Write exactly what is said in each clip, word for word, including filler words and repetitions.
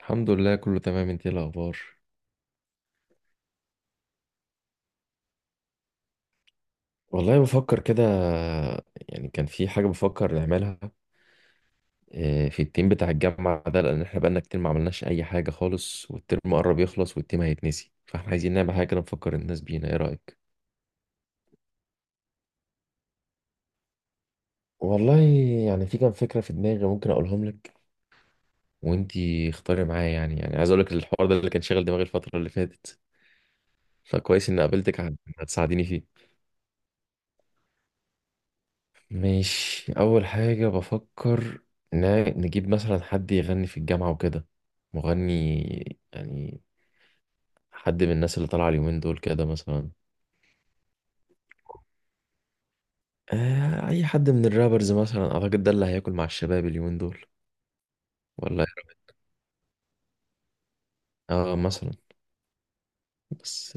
الحمد لله، كله تمام. انت ايه الاخبار؟ والله، بفكر كده. يعني كان في حاجه بفكر نعملها. اه، في التيم بتاع الجامعه ده، لان احنا بقالنا كتير ما عملناش اي حاجه خالص، والترم قرب يخلص، والتيم هيتنسي، فاحنا عايزين نعمل حاجه كده نفكر الناس بينا. ايه رايك؟ والله، يعني في كام فكره في دماغي ممكن اقولهم لك، وانتي اختاري معايا. يعني يعني عايز اقول لك الحوار ده اللي كان شاغل دماغي الفتره اللي فاتت، فكويس اني قابلتك عشان هتساعديني فيه. مش أول حاجة بفكر، نا- نجيب مثلا حد يغني في الجامعة وكده. مغني، يعني حد من الناس اللي طالعة اليومين دول كده مثلا. آه، أي حد من الرابرز مثلا. أعتقد ده اللي هياكل مع الشباب اليومين دول. ولا آه، مثلا. بس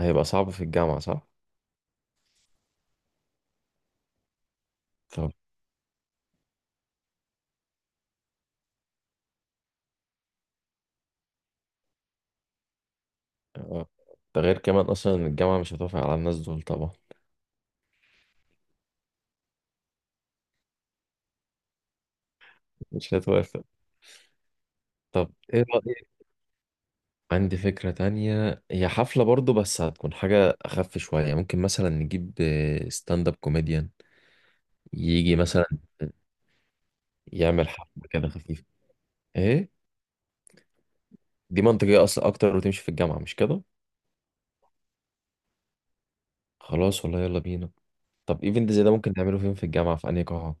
هيبقى صعب في الجامعة صح؟ طب، آه، ده غير كمان أصلا إن الجامعة مش هتوافق على الناس دول طبعا. مش هتوافق. طب إيه رأيك؟ عندي فكرة تانية، هي حفلة برضو بس هتكون حاجة أخف شوية. ممكن مثلا نجيب ستاند اب كوميديان، يجي مثلا يعمل حفلة كده خفيفة. إيه، دي منطقية أصلا أكتر وتمشي في الجامعة مش كده؟ خلاص، والله يلا بينا. طب إيفنت زي ده ممكن نعمله فين في الجامعة، في أنهي قاعة؟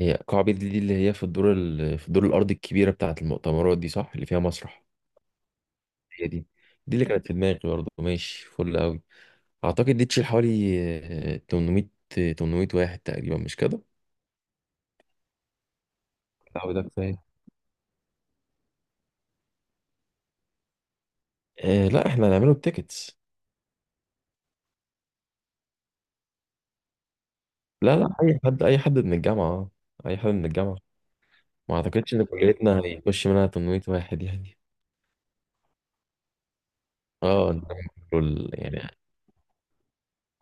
هي قاعة بيت دي، اللي هي في الدور ال... في الدور الأرضي الكبيرة بتاعة المؤتمرات دي، صح؟ اللي فيها مسرح. هي دي. دي اللي كانت في دماغي برضه، ماشي فل أوي. أعتقد دي تشيل حوالي آه، تمنمية. تمنمية واحد تقريبا، مش كده؟ أو ده كفاية. إيه، لا احنا هنعمله بتيكتس. لا لا، آه. اي حد اي حد من الجامعه اه اي حد من الجامعه. ما اعتقدش ان كليتنا هيخش منها تمنمية واحد يعني. اه، إنما كل- يعني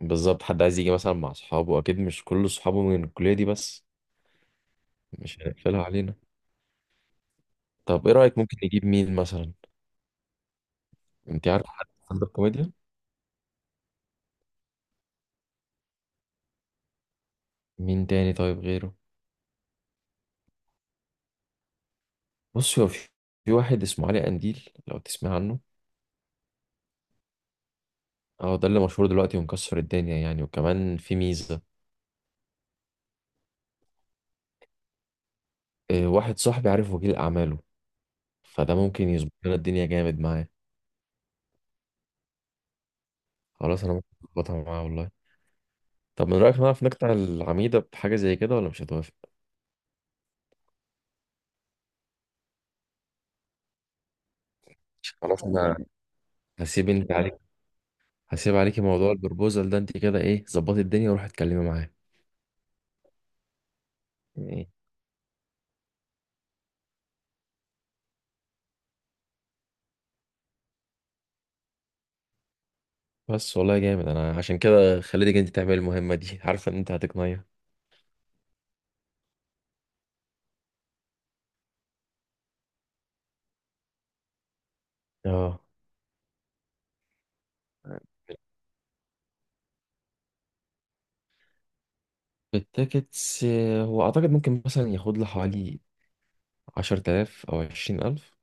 بالظبط، حد عايز يجي مثلا مع اصحابه، اكيد مش كل اصحابه من الكليه دي بس. مش هنقفلها علينا. طب ايه رايك؟ ممكن نجيب مين مثلا؟ انت عارف حد ستاند اب كوميديان؟ مين تاني طيب غيره؟ بص، هو في في واحد اسمه علي قنديل، لو تسمع عنه. اه، ده اللي مشهور دلوقتي ومكسر الدنيا يعني، وكمان في ميزه، إيه، واحد صاحبي عارف وكيل اعماله، فده ممكن يظبط لنا الدنيا جامد معاه. خلاص، انا ممكن اظبطها معاه والله. طب من رايك نعرف نقطع العميده بحاجه زي كده ولا مش هتوافق؟ خلاص، انا هسيب انت عليك. هسيب عليكي موضوع البروبوزال ده. انت كده ايه، ظبطي الدنيا وروحي اتكلمي معاه. ايه، بس والله جامد. انا عشان كده خليتك انت تعملي المهمه دي عارفه ان انت هتقنعيها. اه، التيكتس، آه، هو اعتقد ممكن مثلا ياخد له حوالي عشرة آلاف او عشرين ألف،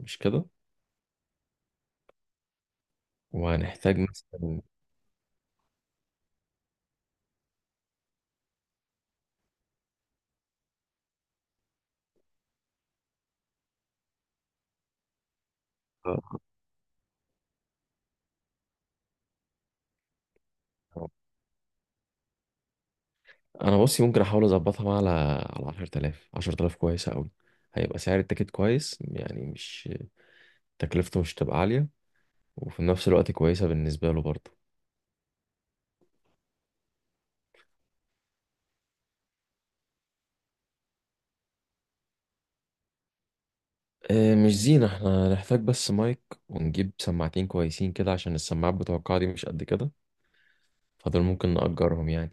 مش كده؟ وهنحتاج مثلا. آه، انا بصي، ممكن احاول اظبطها بقى على على عشر تلاف. عشر تلاف كويسه قوي، هيبقى سعر التيكت كويس يعني، مش تكلفته مش تبقى عاليه، وفي نفس الوقت كويسه بالنسبه له برضه. آه، مش زينه، احنا هنحتاج بس مايك، ونجيب سماعتين كويسين كده عشان السماعات بتوع القاعه دي مش قد كده، فدول ممكن نأجرهم يعني.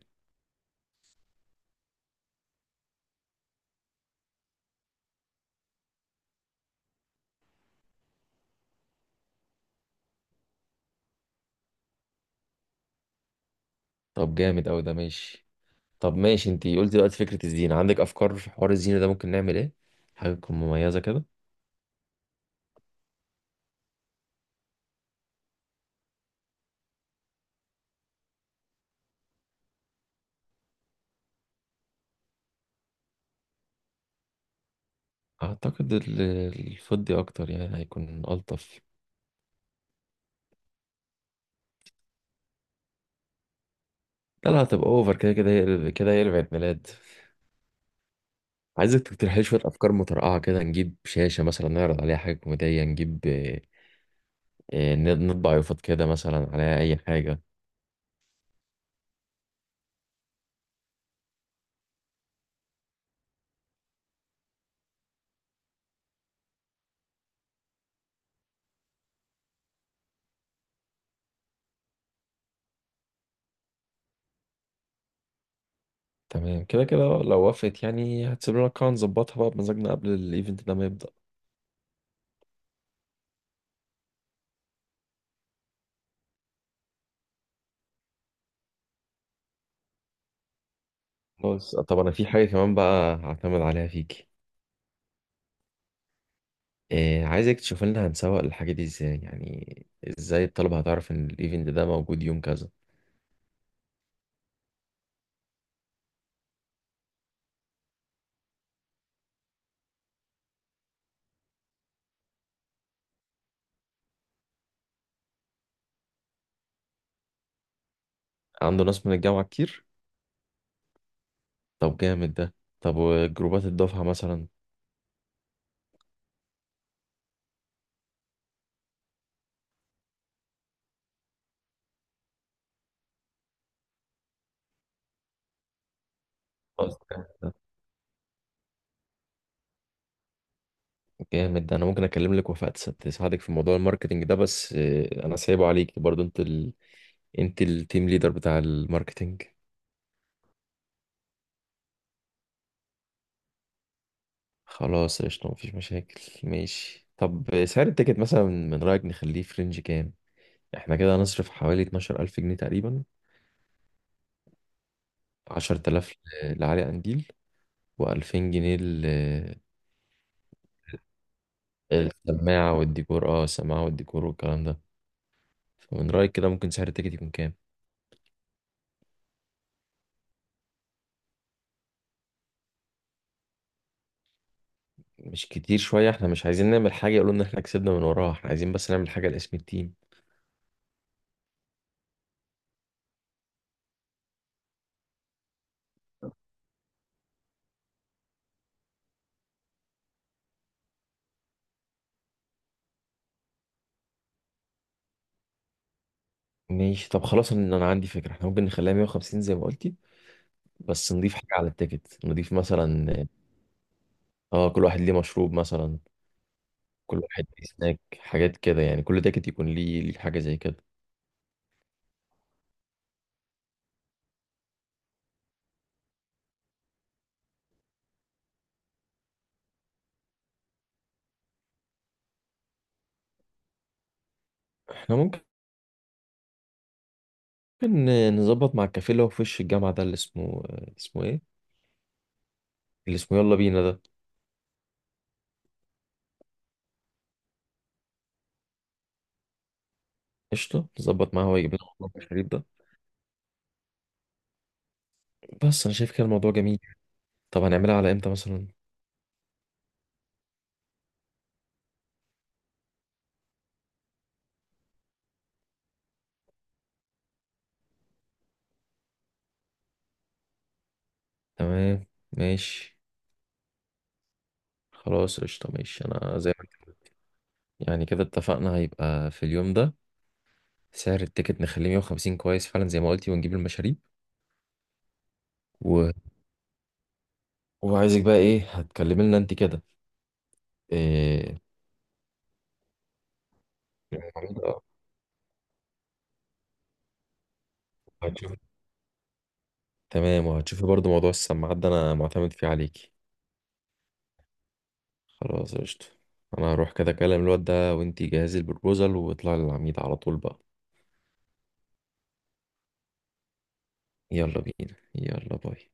طب جامد قوي ده، ماشي. طب ماشي، انتي قلت دلوقتي فكره الزينه. عندك افكار في حوار الزينه ده؟ ممكن نعمل ايه حاجه تكون مميزه كده؟ اعتقد ال- الفضي اكتر، يعني هيكون الطف. لا لا، هتبقى اوفر، كده كده هي كده، هي عيد ميلاد. عايزك تقترح لي شويه افكار مترقعه كده. نجيب شاشه مثلا نعرض عليها حاجه كوميديه، نجيب، آه، آه، ن- نطبع يافطة كده مثلا عليها اي حاجه. تمام، كده كده لو وافقت يعني هتسيب لنا قاعه نظبطها بقى بمزاجنا قبل الايفنت ده ما يبدا. خلاص. طب انا في حاجه كمان بقى هعتمد عليها فيكي. آه، عايزك تشوف لنا هنسوق الحاجه دي ازاي، يعني ازاي الطلبه هتعرف ان الايفنت ده موجود يوم كذا. عنده ناس من الجامعه كتير. طب جامد ده. طب وجروبات الدفعه مثلا. خلاص، جامد. جامد ده، انا ممكن اكلم لك وفاء تس- تساعدك في موضوع الماركتنج ده، بس آه، انا سايبه عليك برضو. انت ال... انت التيم ليدر بتاع الماركتنج. خلاص قشطة، مفيش مشاكل. ماشي طب، آه، سعر التيكت مثلا من رأيك نخليه في رينج كام؟ احنا كده هنصرف حوالي اتناشر الف جنيه تقريبا. عشر تلاف ل- لعلي قنديل، و2000 جنيه ل- السماعة والديكور. اه، السماعة والديكور والكلام ده. فمن رأيك كده ممكن سعر التيكت يكون كام؟ مش كتير شوية؟ احنا مش عايزين نعمل حاجة يقولوا ان احنا كسبنا من وراها، احنا عايزين بس نعمل حاجة لاسم التيم. ماشي، طب خلاص. انا أنا عندي فكرة، احنا ممكن نخليها مية وخمسين زي ما قلتي، بس نضيف حاجة على التيكت. نضيف مثلا، اه، كل واحد ليه مشروب مثلا. كل واحد ليه سناك، حاجات كده يعني. كل تيكت يكون ليه ليه حاجة زي كده. احنا ممكن نظبط مع الكافيه اللي هو في وش الجامعة ده، اللي اسمه... اسمه ايه؟ اللي اسمه يلا بينا ده. قشطة، نظبط معاه هو يجيب لنا المشروب ده. بس انا شايف كده الموضوع جميل. طب هنعملها على امتى مثلا؟ تمام. ماشي. خلاص قشطة، ماشي. أنا زي ما كده. يعني كده اتفقنا، هيبقى في اليوم ده. سعر التيكت نخليه مية وخمسين، كويس فعلا زي ما قلتي، ونجيب المشاريب و... وعايزك بقى إيه هتكلمي لنا أنت كده. إيه، آه، هتشوفي. تمام، وهتشوفي برضو موضوع السماعات ده، أنا معتمد فيه عليكي. خلاص قشطة. أنا هروح كده أكلم الواد ده، وأنت جهزي البروبوزال واطلعي للعميد على طول بقى. يلا بينا، يلا باي.